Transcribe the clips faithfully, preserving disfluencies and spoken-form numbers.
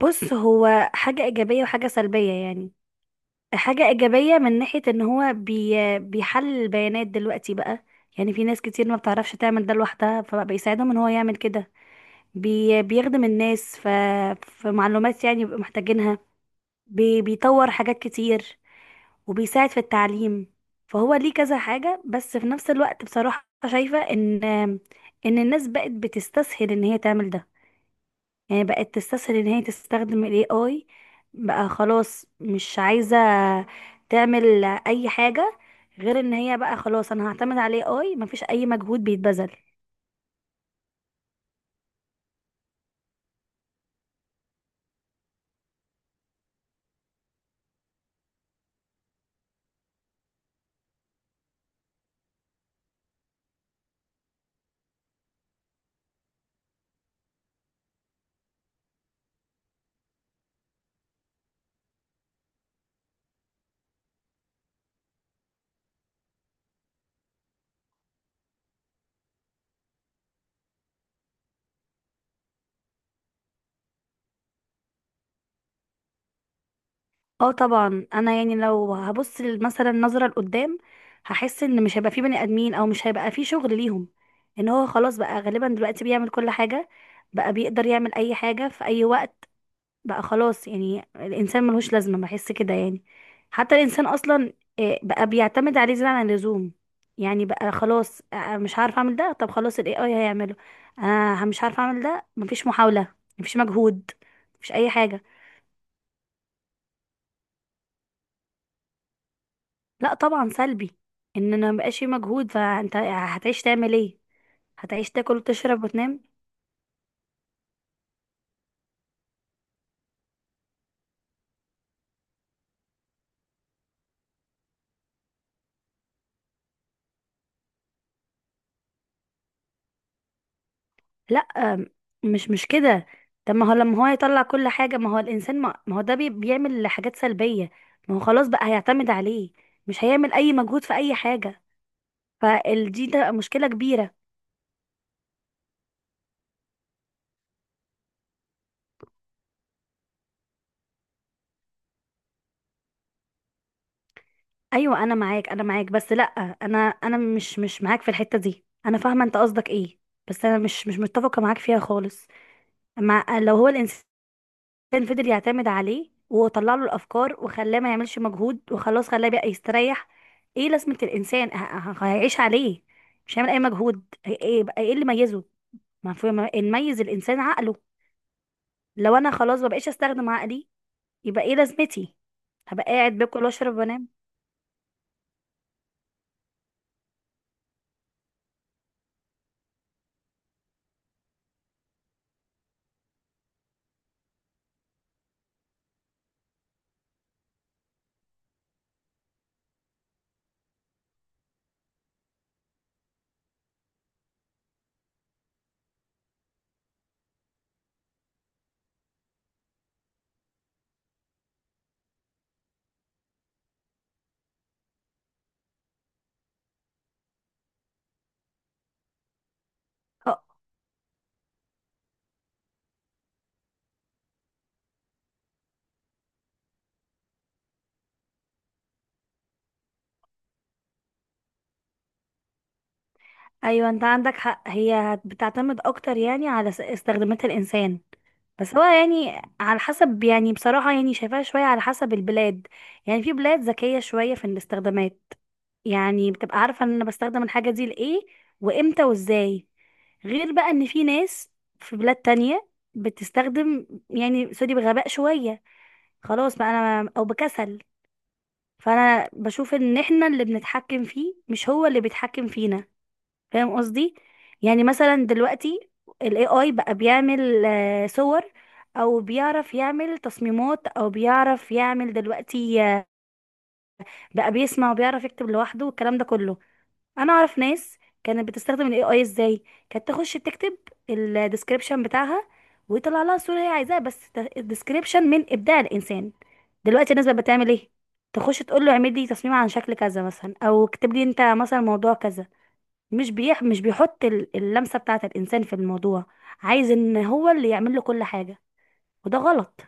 بص هو حاجة إيجابية وحاجة سلبية يعني. حاجة إيجابية من ناحية إن هو بي بيحلل البيانات دلوقتي بقى، يعني في ناس كتير ما بتعرفش تعمل ده لوحدها فبقى بيساعدهم إن هو يعمل كده. بي بيخدم الناس، ف في معلومات يعني بيبقوا محتاجينها. بي بيطور حاجات كتير وبيساعد في التعليم. فهو ليه كذا حاجة، بس في نفس الوقت بصراحة شايفة إن إن الناس بقت بتستسهل إن هي تعمل ده. يعني بقت تستسهل ان هي تستخدم ال إيه آي، بقى خلاص مش عايزة تعمل اي حاجة غير ان هي بقى خلاص انا هعتمد على ال إيه آي، مفيش اي مجهود بيتبذل. اه طبعا، انا يعني لو هبص لل- مثلا نظرة لقدام، هحس ان مش هيبقى في بني ادمين، او مش هيبقى في شغل ليهم. ان هو خلاص بقى غالبا دلوقتي بيعمل كل حاجة، بقى بيقدر يعمل اي حاجة في اي وقت. بقى خلاص يعني الانسان ملهوش لازمه، بحس كده يعني. حتى الانسان اصلا آه، بقى بيعتمد عليه زياده عن اللزوم. يعني بقى خلاص آه، آه، مش عارف اعمل ده، طب خلاص الاي اي هيعمله. انا مش عارف اعمل ده، مفيش محاوله، مفيش مجهود، مفيش اي حاجه. لا طبعا سلبي. ان انا مبقاش في مجهود، فانت هتعيش تعمل ايه؟ هتعيش تاكل وتشرب وتنام. لا، مش مش كده. طب ما هو لما هو يطلع كل حاجة، ما هو الإنسان ما, ما هو ده بي- بيعمل حاجات سلبية. ما هو خلاص بقى هيعتمد عليه، مش هيعمل أي مجهود في أي حاجة. فالدي ده مشكلة كبيرة. أيوة أنا معاك أنا معاك، بس لأ، أنا أنا مش مش معاك في الحتة دي. أنا فاهمة أنت قصدك إيه، بس أنا مش مش متفقة معاك فيها خالص. مع لو هو الإنسان كان فضل يعتمد عليه وطلع له الافكار وخلاه ما يعملش مجهود، وخلاص خلاه بقى يستريح، ايه لازمه الانسان؟ ه- ه- هيعيش عليه، مش هيعمل اي مجهود. هي- ايه بقى ايه اللي ميزه؟ ما في ما- اللي يميز الانسان عقله. لو انا خلاص ما بقيتش استخدم عقلي، يبقى ايه لازمتي؟ هبقى قاعد باكل واشرب وانام. ايوه انت عندك حق، هي هت- بتعتمد اكتر يعني على س- استخدامات الانسان. بس هو يعني على حسب، يعني بصراحة يعني شايفاها شوية على حسب البلاد. يعني في بلاد ذكية شوية في الاستخدامات، يعني بتبقى عارفة ان انا بستخدم الحاجة دي لإيه وامتى وازاي، غير بقى ان في ناس في بلاد تانية بتستخدم، يعني سوري، بغباء شوية. خلاص بقى انا او بكسل. فانا بشوف ان احنا اللي بنتحكم فيه، مش هو اللي بيتحكم فينا، فاهم قصدي؟ يعني مثلا دلوقتي ال إيه آي بقى بيعمل آه، صور، او بيعرف يعمل تصميمات، او بيعرف يعمل دلوقتي آه، بقى بيسمع وبيعرف يكتب لوحده والكلام ده كله. انا اعرف ناس كانت بتستخدم ال إيه آي ازاي، كانت تخش تكتب الديسكريبشن بتاعها، ويطلع لها الصورة اللي هي عايزاها، بس الديسكريبشن من ابداع الانسان. دلوقتي الناس بقى بتعمل ايه؟ تخش تقول له اعمل لي تصميم عن شكل كذا مثلا، او اكتب لي انت مثلا موضوع كذا. مش بيح مش بيحط ال- اللمسة بتاعة الإنسان في الموضوع، عايز إن هو اللي يعمل له كل حاجة، وده غلط.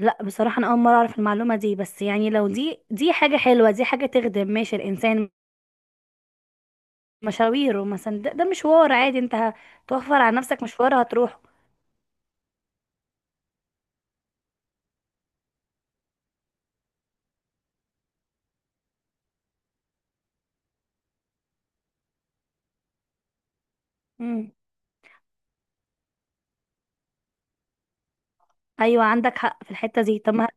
لا بصراحة أنا أول مرة أعرف المعلومة دي، بس يعني لو دي دي حاجة حلوة، دي حاجة تخدم ماشي الإنسان مشاويره مثلا. ده, ده مشوار عادي، أنت هتوفر على نفسك مشوار هتروحه. مم. أيوة عندك حق في الحتة دي، طب ما،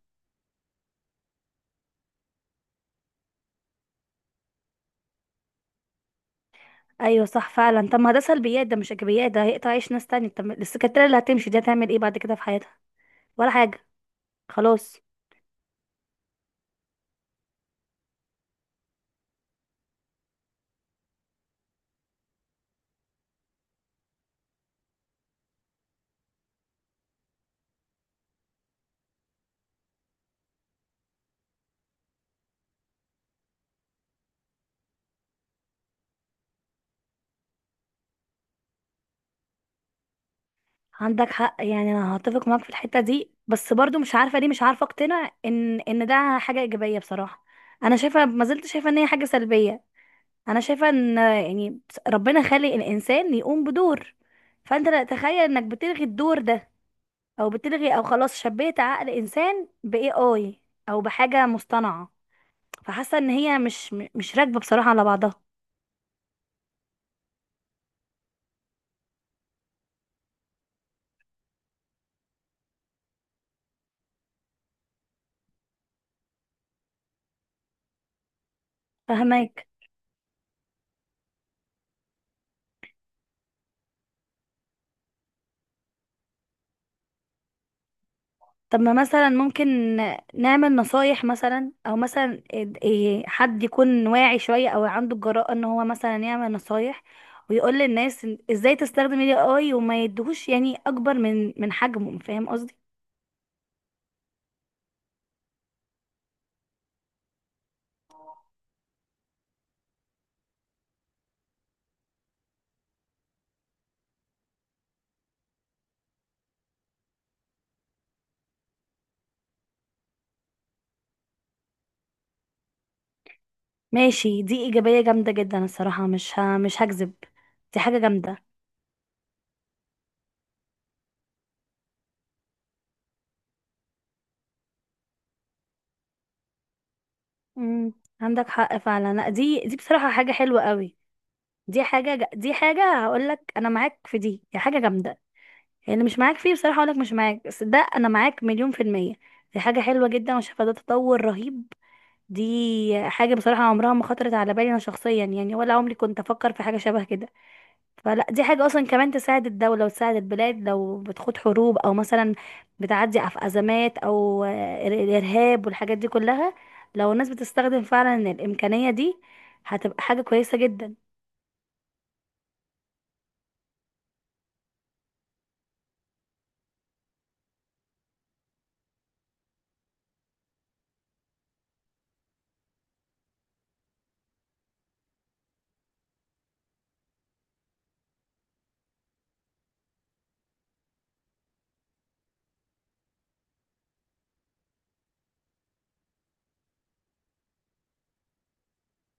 أيوة صح فعلا. طب ما ده سلبيات، ده مش إيجابيات، ده هيقطع عيش ناس تانية. طب السكرتيرة اللي هتمشي دي هتعمل إيه بعد كده في حياتها؟ ولا حاجة. خلاص. عندك حق، يعني انا هتفق معاك في الحته دي، بس برضو مش عارفه ليه مش عارفه اقتنع ان ان ده حاجه ايجابيه بصراحه. انا شايفه، ما زلت شايفه ان هي حاجه سلبيه. انا شايفه ان يعني ربنا خلق الانسان يقوم بدور، فانت لا تخيل انك بتلغي الدور ده، او بتلغي، او خلاص شبيت عقل انسان باي اي، او بحاجه مصطنعه. فحاسه ان هي مش مش راكبه بصراحه على بعضها. فهماك. طب ما مثلا ممكن نعمل نصايح مثلا، او مثلا إد- إيه، حد يكون واعي شوية او عنده الجراءة ان هو مثلا يعمل نصايح، ويقول للناس إن- ازاي تستخدم الاي اي وما يدهوش يعني اكبر من من حجمه، فاهم قصدي؟ ماشي، دي ايجابية جامدة جدا الصراحة، مش ه... مش هكذب دي حاجة جامدة. امم عندك حق فعلا. لا، دي دي بصراحة حاجة حلوة قوي. دي حاجة ج- دي حاجة هقول لك انا معاك في دي دي حاجة جامدة، يعني مش معاك فيه بصراحة اقولك، مش معاك، بس ده انا معاك مليون في المية. دي حاجة حلوة جدا، وشايفة ده تطور رهيب. دي حاجة بصراحة عمرها ما خطرت على بالي انا شخصيا يعني، ولا عمري كنت افكر في حاجة شبه كده. فلا دي حاجة اصلا كمان تساعد الدولة وتساعد البلاد لو بتخوض حروب، او مثلا بتعدي في ازمات، او آه، الارهاب والحاجات دي كلها. لو الناس بتستخدم فعلا الامكانية دي، هتبقى حاجة كويسة جدا.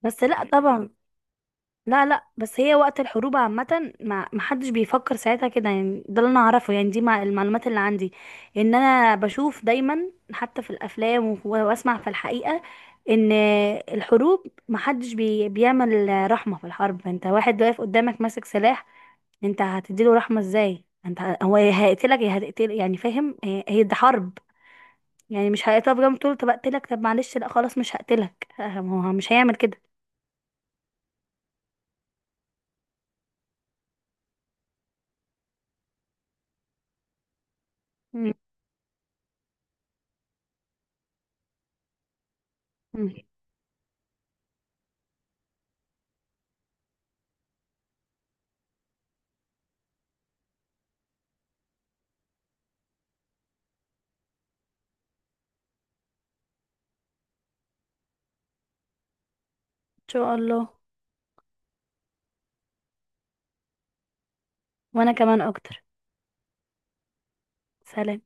بس لا طبعا. لا لا، بس هي وقت الحروب عامة ما ما حدش بيفكر ساعتها كده، يعني ده اللي انا اعرفه، يعني دي مع المعلومات اللي عندي، ان انا بشوف دايما حتى في الافلام و- واسمع في الحقيقة ان الحروب ما حدش بي بيعمل رحمة في الحرب. انت واحد واقف قدامك ماسك سلاح، انت هتديله رحمة ازاي؟ انت ه- هو يا هيقتلك يا هتقتل، يعني فاهم، هي هي دي حرب. يعني مش هيقف جنب تقول له طب اقتلك، طب معلش، لا خلاص مش هقتلك، ما هو مش هيعمل كده. مم. مم. ان شاء الله. وانا كمان اكتر. سلام.